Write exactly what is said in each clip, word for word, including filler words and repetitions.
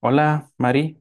Hola, Mari.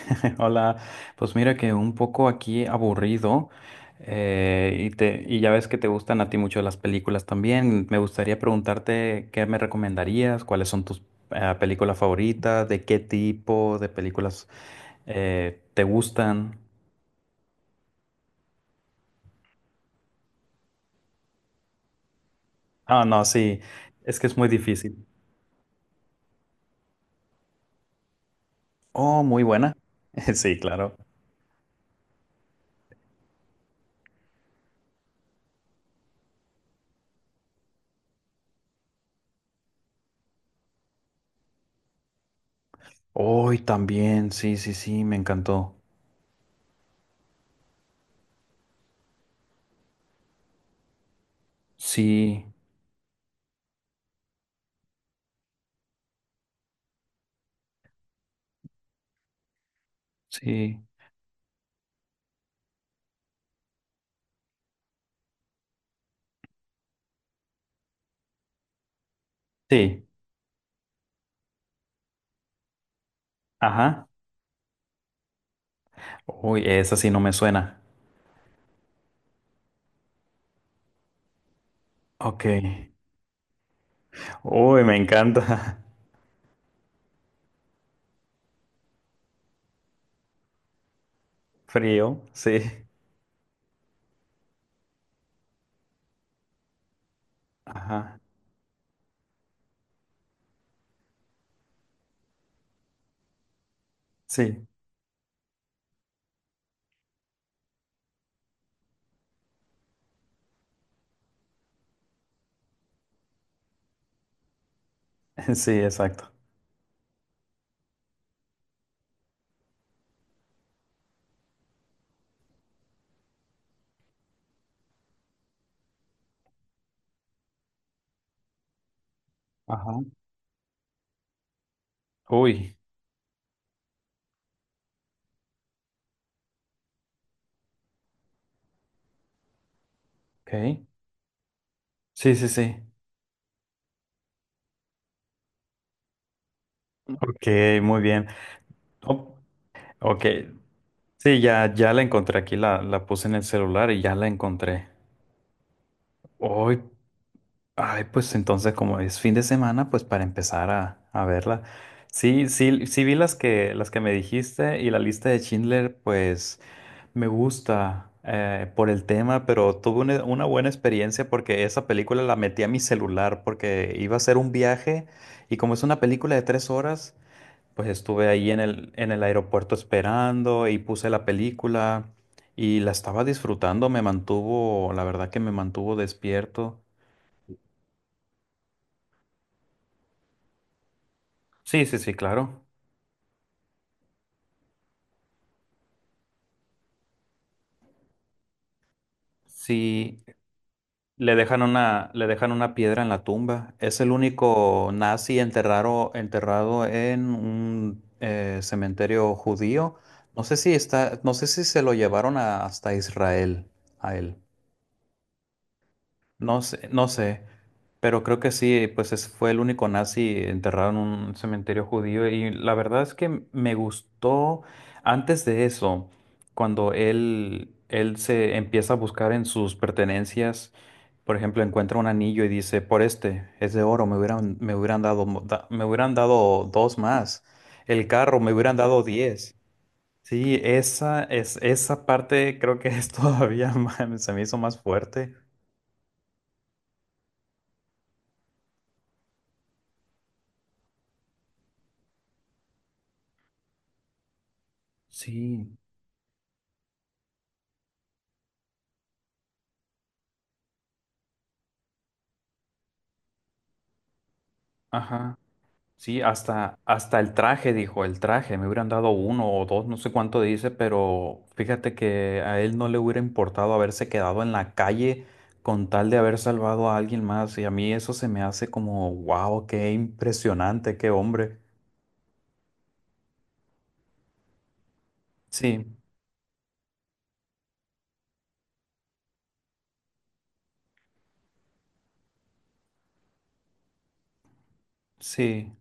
Hola. Pues mira que un poco aquí aburrido, eh, y te y ya ves que te gustan a ti mucho las películas también. Me gustaría preguntarte qué me recomendarías, cuáles son tus eh, películas favoritas, de qué tipo de películas eh, te gustan. Ah, no, sí. Es que es muy difícil. Oh, muy buena. Sí, claro. Hoy también. Sí, sí, sí. Me encantó. Sí, sí, sí. Ajá. Uy, esa sí no me suena. Ok. Uy, me encanta. Frío, sí. Ajá. Sí, sí, exacto. Ajá. Uy, ok. Sí, sí, sí. Ok, muy bien. Oh, ok. Sí, ya, ya la encontré aquí, la, la puse en el celular y ya la encontré. Uy, ay, pues entonces como es fin de semana, pues para empezar a, a verla. Sí, sí, sí vi las que, las que me dijiste y la lista de Schindler, pues. Me gusta, eh, por el tema, pero tuve una, una buena experiencia porque esa película la metí a mi celular porque iba a hacer un viaje y como es una película de tres horas, pues estuve ahí en el, en el aeropuerto esperando y puse la película y la estaba disfrutando, me mantuvo, la verdad que me mantuvo despierto. Sí, sí, sí, claro. Sí, le dejan una, le dejan una piedra en la tumba. Es el único nazi enterrado, enterrado en un eh, cementerio judío. No sé si está, no sé si se lo llevaron a- hasta Israel a él. No sé, no sé. Pero creo que sí, pues es- fue el único nazi enterrado en un cementerio judío. Y la verdad es que me gustó antes de eso, cuando él, él se empieza a buscar en sus pertenencias. Por ejemplo, encuentra un anillo y dice, por este, es de oro, me hubieran, me hubieran dado, mo- da- me hubieran dado dos más. El carro, me hubieran dado diez. Sí, esa, es, esa parte creo que es todavía más, se me hizo más fuerte. Sí, ajá. Sí, hasta, hasta el traje, dijo, el traje, me hubieran dado uno o dos, no sé cuánto dice, pero fíjate que a él no le hubiera importado haberse quedado en la calle con tal de haber salvado a alguien más, y a mí eso se me hace como, wow, qué impresionante, qué hombre. Sí, sí,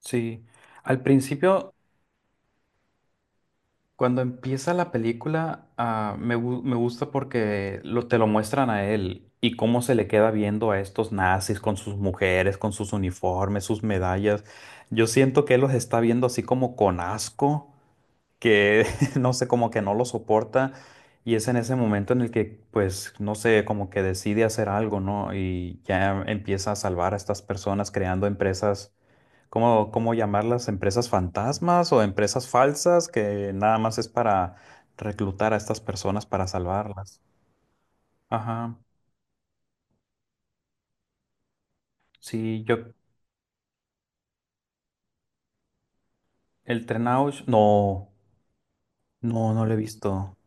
sí. Al principio, cuando empieza la película, ah, me, gu- me gusta porque lo, te lo muestran a él y cómo se le queda viendo a estos nazis con sus mujeres, con sus uniformes, sus medallas. Yo siento que él los está viendo así como con asco, que no sé, como que no lo soporta. Y es en ese momento en el que, pues, no sé, como que decide hacer algo, ¿no? Y ya empieza a salvar a estas personas creando empresas. ¿Cómo, cómo llamarlas? ¿Empresas fantasmas o empresas falsas que nada más es para reclutar a estas personas para salvarlas? Ajá, sí, yo, el Trenaush, no, no, no lo he visto.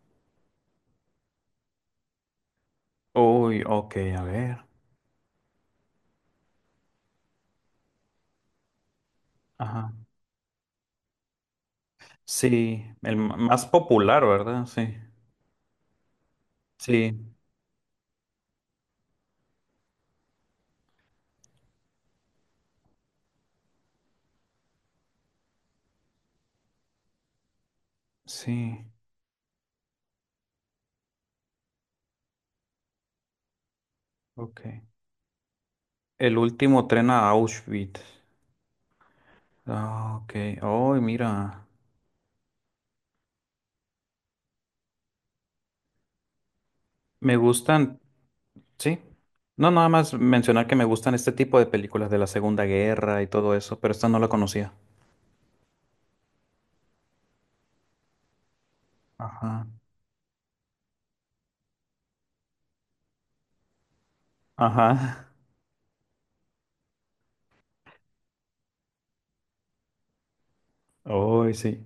Uy, ok, a ver. Ajá. Sí, el m- más popular, ¿verdad? Sí, sí, sí, ok. El último tren a Auschwitz. Ah, ok, oh, mira. Me gustan. Sí. No, nada más mencionar que me gustan este tipo de películas de la Segunda Guerra y todo eso, pero esta no la conocía. Ajá. Ajá. Uy, sí.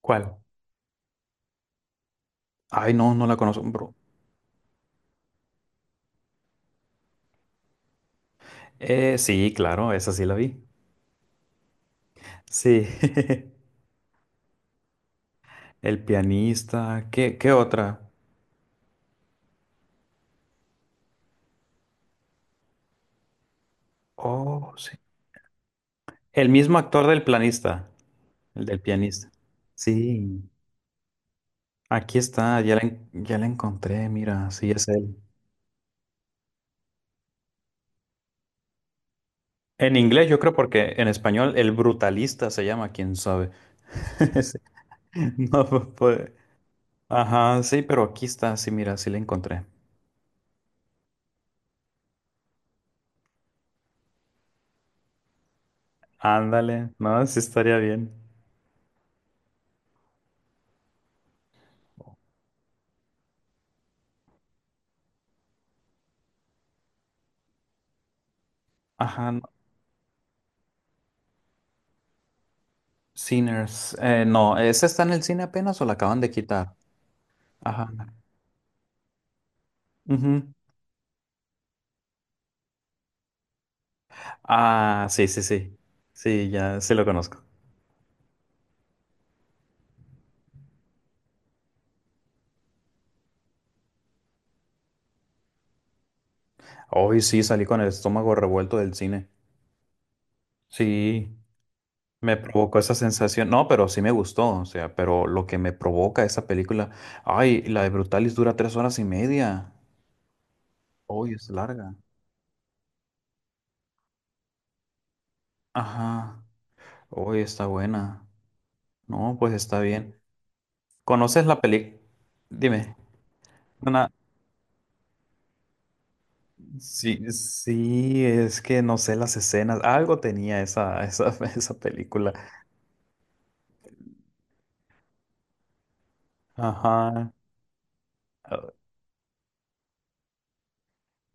¿Cuál? Ay, no, no la conozco, bro. Eh, sí, claro, esa sí la vi. Sí. El pianista. ¿Qué, qué otra? Oh, sí. El mismo actor del planista. El del pianista. Sí. Aquí está, ya la, en- ya la encontré, mira, sí es él. En inglés, yo creo, porque en español el brutalista se llama, quién sabe. Sí. No, pu- puede. Ajá, sí, pero aquí está, sí, mira, sí la encontré. Ándale, no, sí estaría bien. Ajá, no. Sinners. eh, no, ¿esa está en el cine apenas o la acaban de quitar? Ajá. Ujú. Ah, sí, sí, sí. Sí, ya sí lo conozco. Hoy sí salí con el estómago revuelto del cine. Sí. Me provocó esa sensación, no, pero sí me gustó, o sea, pero lo que me provoca esa película, ay, la de Brutalis dura tres horas y media, hoy es larga, ajá, hoy está buena, no, pues está bien. ¿Conoces la película? Dime, una, sí, sí, es que no sé las escenas, algo tenía esa, esa, esa película, ajá, ah,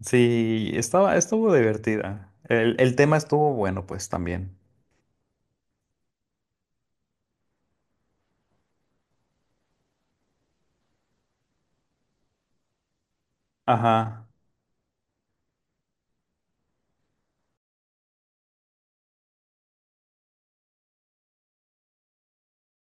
sí, estaba, estuvo divertida, el, el tema estuvo bueno, pues también, ajá.